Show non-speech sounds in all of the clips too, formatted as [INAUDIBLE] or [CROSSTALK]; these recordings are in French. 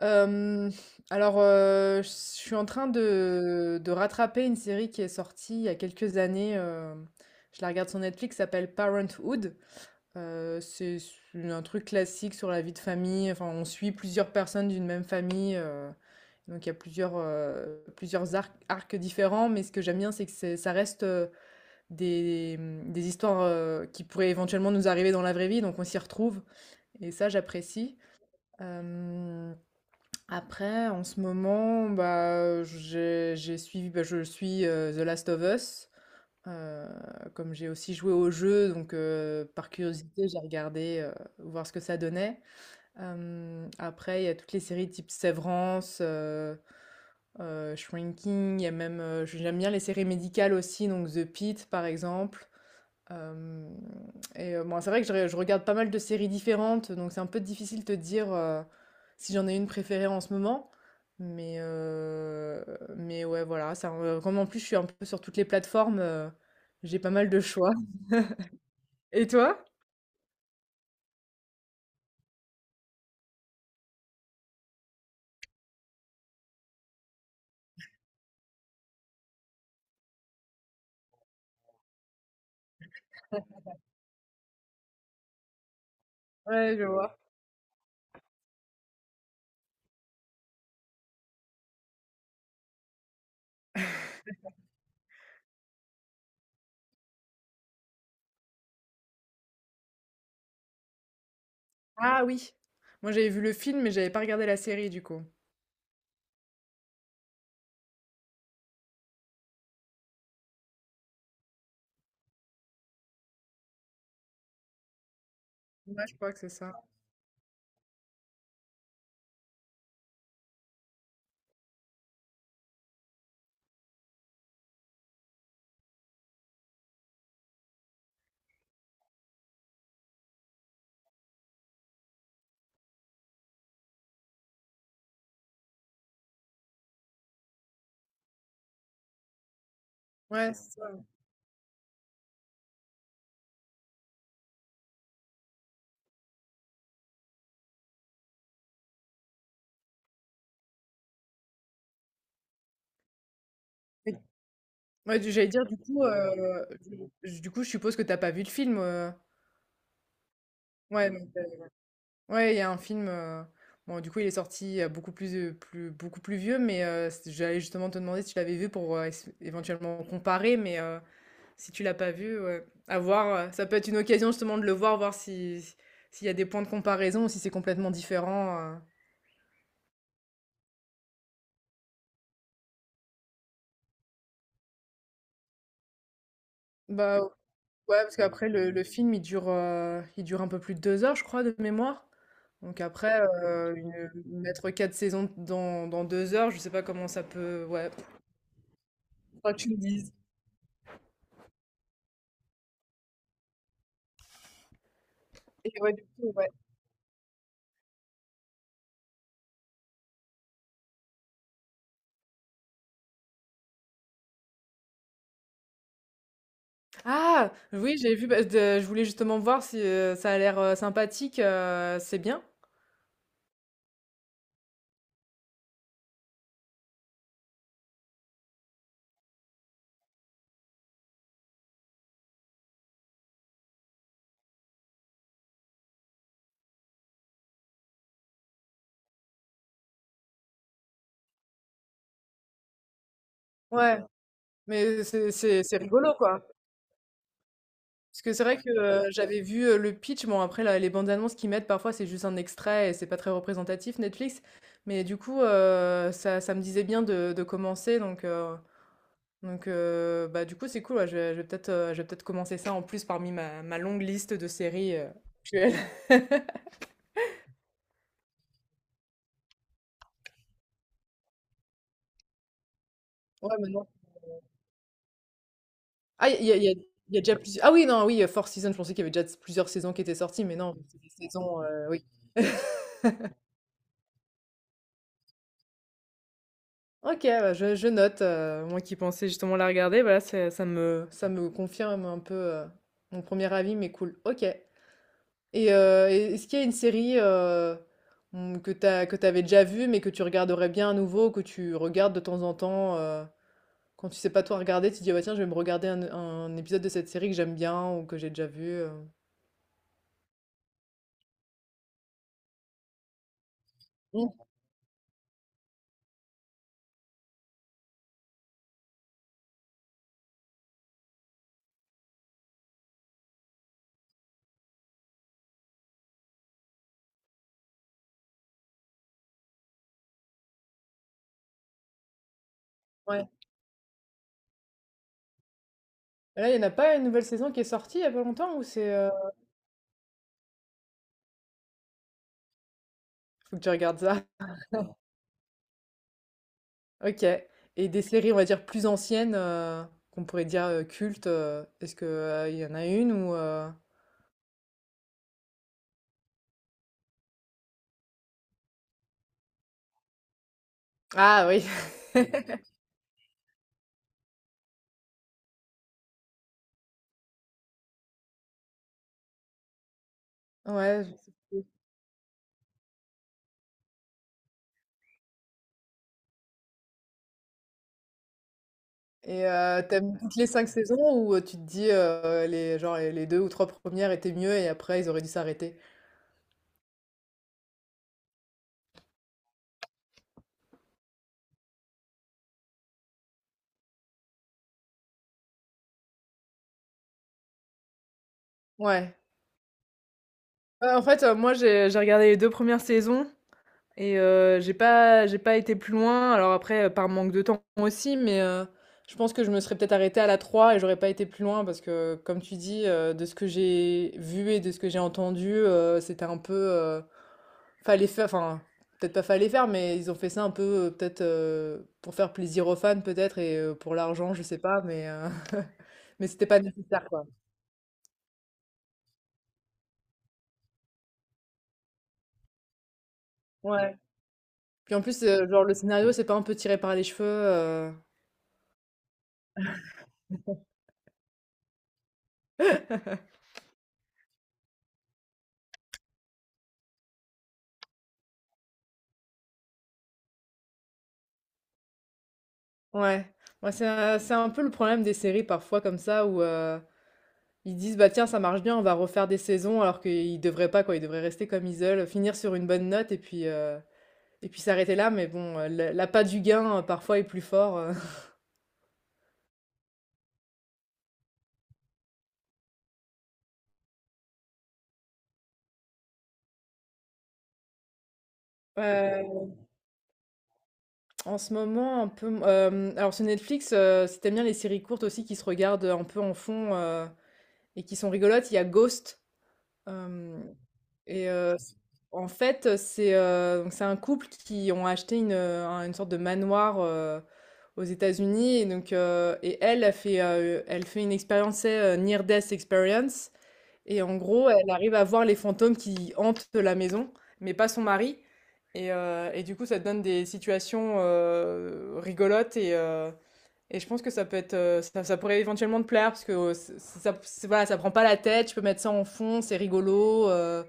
Hem, je suis en train de rattraper une série qui est sortie il y a quelques années. Je la regarde sur Netflix, ça s'appelle Parenthood. C'est un truc classique sur la vie de famille. Enfin, on suit plusieurs personnes d'une même famille. Donc il y a plusieurs arcs différents, mais ce que j'aime bien, c'est que c'est ça reste, des, des histoires qui pourraient éventuellement nous arriver dans la vraie vie. Donc on s'y retrouve et ça, j'apprécie. Hem Après, en ce moment, bah, je suis The Last of Us. Euh, Comme j'ai aussi joué au jeu, donc par curiosité, j'ai regardé voir ce que ça donnait. Après, il y a toutes les séries type Severance, Shrinking. Il y a même, j'aime bien les séries médicales aussi, donc The Pitt par exemple. Hem, et bon, c'est vrai que je regarde pas mal de séries différentes, donc c'est un peu difficile de te dire, si j'en ai une préférée en ce moment. Mais heu, mais ouais, voilà. ça re Comme en plus, je suis un peu sur toutes les plateformes, j'ai pas mal de choix. Et toi? Ouais, je vois. Ah oui! Moi, j'avais vu le film, mais j'avais pas regardé la série, du coup. Ouais, je crois que c'est ça. Ouais, c'est ça. Et ouais, du j'allais dire, du coup, du coup, je suppose que t'as pas vu le film, heu? Ouais, non. Ouais, il y a un film. Bon, du coup il est sorti, beaucoup plus vieux, mais c j'allais justement te demander si tu l'avais vu pour ess éventuellement comparer. Si tu l'as pas vu, ouais, à voir, ça peut être une occasion justement de le voir, voir si s'il y a des points de comparaison ou si c'est complètement différent. Bah, ouais, parce qu'après le film il dure un peu plus de 2 heures, je crois, de mémoire. Donc après, une mettre 4 saisons dans 2 heures, je sais pas comment ça peut, ouais, faudra que tu me dises. Et ouais, du coup, ouais. Ah oui, j'ai vu. Bah, de Je voulais justement voir si, ça a l'air sympathique. Heu, C'est bien? Ouais, mais c'est rigolo, quoi. Parce que c'est vrai que, j'avais vu, le pitch. Bon, après la les bandes annonces qu'ils mettent, parfois, c'est juste un extrait et c'est pas très représentatif, Netflix. Mais du coup, ça ça me disait bien de commencer. Bah, du coup, c'est cool, ouais. Je vais peut-être commencer ça, en plus, parmi ma longue liste de séries, actuelles. [LAUGHS] Ouais, maintenant Ah, il y a il y a Il y a déjà plusieurs... ah oui, non, oui, Four Seasons, je pensais qu'il y avait déjà plusieurs saisons qui étaient sorties, mais non, c'est des saisons, oui. [LAUGHS] OK, bah, je note, moi qui pensais justement la regarder. Voilà, c'est ça me confirme un peu, mon premier avis, mais cool. OK. Et est-ce qu'il y a une série, mmh, que t'as que t'avais déjà vue, mais que tu regarderais bien à nouveau, que tu regardes de temps en temps, quand tu sais pas toi regarder, tu te dis: «Ah bah, tiens, je vais me regarder un épisode de cette série que j'aime bien ou que j'ai déjà vu», heu? Mmh, ouais. Là, il n'y en a pas une nouvelle saison qui est sortie il y a pas longtemps ou c'est, Faut que je regarde ça. [LAUGHS] Ok. Et des séries, on va dire, plus anciennes, qu'on pourrait dire cultes, est-ce que, il y en a une ou, Ah oui, [LAUGHS] ouais, je sais plus. Et t'aimes toutes les 5 saisons, ou tu te dis, les, genre, les deux ou trois premières étaient mieux et après, ils auraient dû s'arrêter? Ouais. En fait, moi, j'ai regardé les deux premières saisons. Et j'ai pas été plus loin. Alors après, par manque de temps aussi, mais je pense que je me serais peut-être arrêtée à la 3 et j'aurais pas été plus loin parce que, comme tu dis, de ce que j'ai vu et de ce que j'ai entendu, c'était un peu, fallait faire enfin, peut-être pas fallait faire, mais ils ont fait ça un peu, peut-être, pour faire plaisir aux fans peut-être, et pour l'argent, je sais pas, [LAUGHS] mais c'était pas nécessaire, quoi. Ouais. Puis en plus, genre le scénario, c'est pas un peu tiré par les cheveux? Ouais, ouais, c'est un peu le problème des séries parfois comme ça où ils disent: «Bah tiens, ça marche bien, on va refaire des saisons», alors qu'ils devraient pas, quoi. Ils devraient rester comme ils veulent, finir sur une bonne note et puis s'arrêter là. Mais bon, l'appât du gain, parfois est plus fort. Heu, [LAUGHS] En ce moment un peu, alors sur Netflix, si tu bien les séries courtes aussi qui se regardent un peu en fond, et qui sont rigolotes, il y a Ghost. Hem Et c En fait, c'est, donc c'est un couple qui ont acheté une, un une sorte de manoir, aux États-Unis. Et donc et elle, elle fait une expérience, tu sais, near death experience, et en gros, elle arrive à voir les fantômes qui hantent la maison, mais pas son mari. Et et du coup, ça te donne des situations rigolotes. Et je pense que ça peut être, ça ça pourrait éventuellement te plaire parce que, ç ça ça voilà, ça prend pas la tête, tu peux mettre ça en fond, c'est rigolo,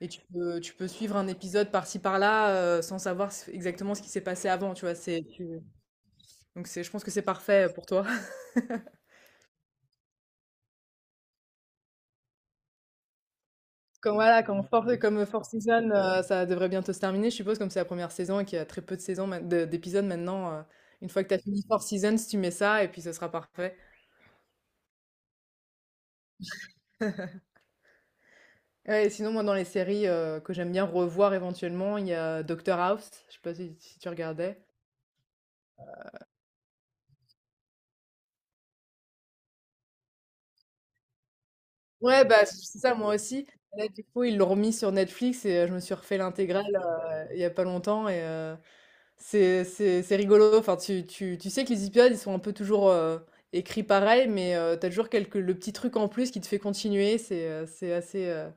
et tu peux, suivre un épisode par-ci par-là, sans savoir s exactement ce qui s'est passé avant, tu vois? C'est tu donc c'est Je pense que c'est parfait pour toi. [LAUGHS] Comme voilà, comme Four Seasons, ça devrait bientôt se terminer, je suppose, comme c'est la première saison et qu'il y a très peu de saisons maint de d'épisodes maintenant, une fois que tu as fini Four Seasons, tu mets ça et puis ce sera parfait. Ouais, et sinon, moi, dans les séries, que j'aime bien revoir éventuellement, il y a Doctor House, je sais pas si tu regardais? Ouais, bah, c'est ça, moi aussi. Là, du coup, ils l'ont remis sur Netflix, et je me suis refait l'intégrale il y a pas longtemps. C'est c'est rigolo. Enfin, tu sais que les épisodes, ils sont un peu toujours écrits pareil, mais tu t'as toujours quelques... le petit truc en plus qui te fait continuer. C'est assez,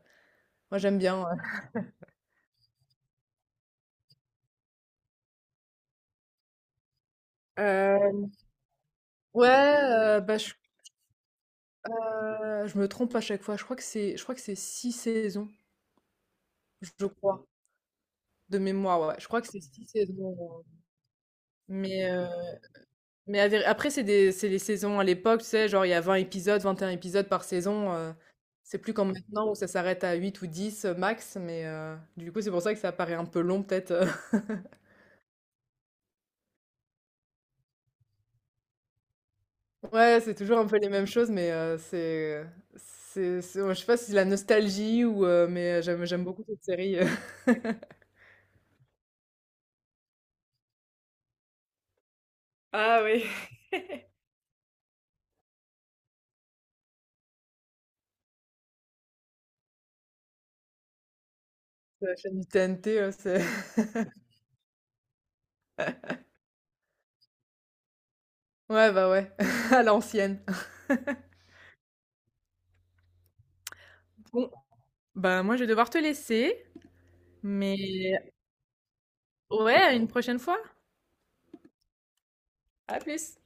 moi, j'aime bien. Ouais. Euh, Ouais, euh, bah, je, je me trompe à chaque fois. Je crois que c'est 6 saisons, je crois, de mémoire. Ouais. Je crois que c'est six saisons. euh, Mais... euh, Mais à vér, après c'est des, c'est les saisons à l'époque, tu sais, genre il y a 20 épisodes, 21 épisodes par saison, c'est plus comme maintenant où ça s'arrête à 8 ou 10 max, mais du coup, c'est pour ça que ça paraît un peu long peut-être. [LAUGHS] Ouais, c'est toujours un peu les mêmes choses, mais c'est ouais, je sais pas si c'est la nostalgie ou j'aime beaucoup cette série, [LAUGHS] Ah oui. La chaîne du TNT, c'est [LAUGHS] ouais, bah, ouais, [LAUGHS] à l'ancienne. Bon, bah, moi je vais devoir te laisser, mais ouais, à une prochaine fois. À plus.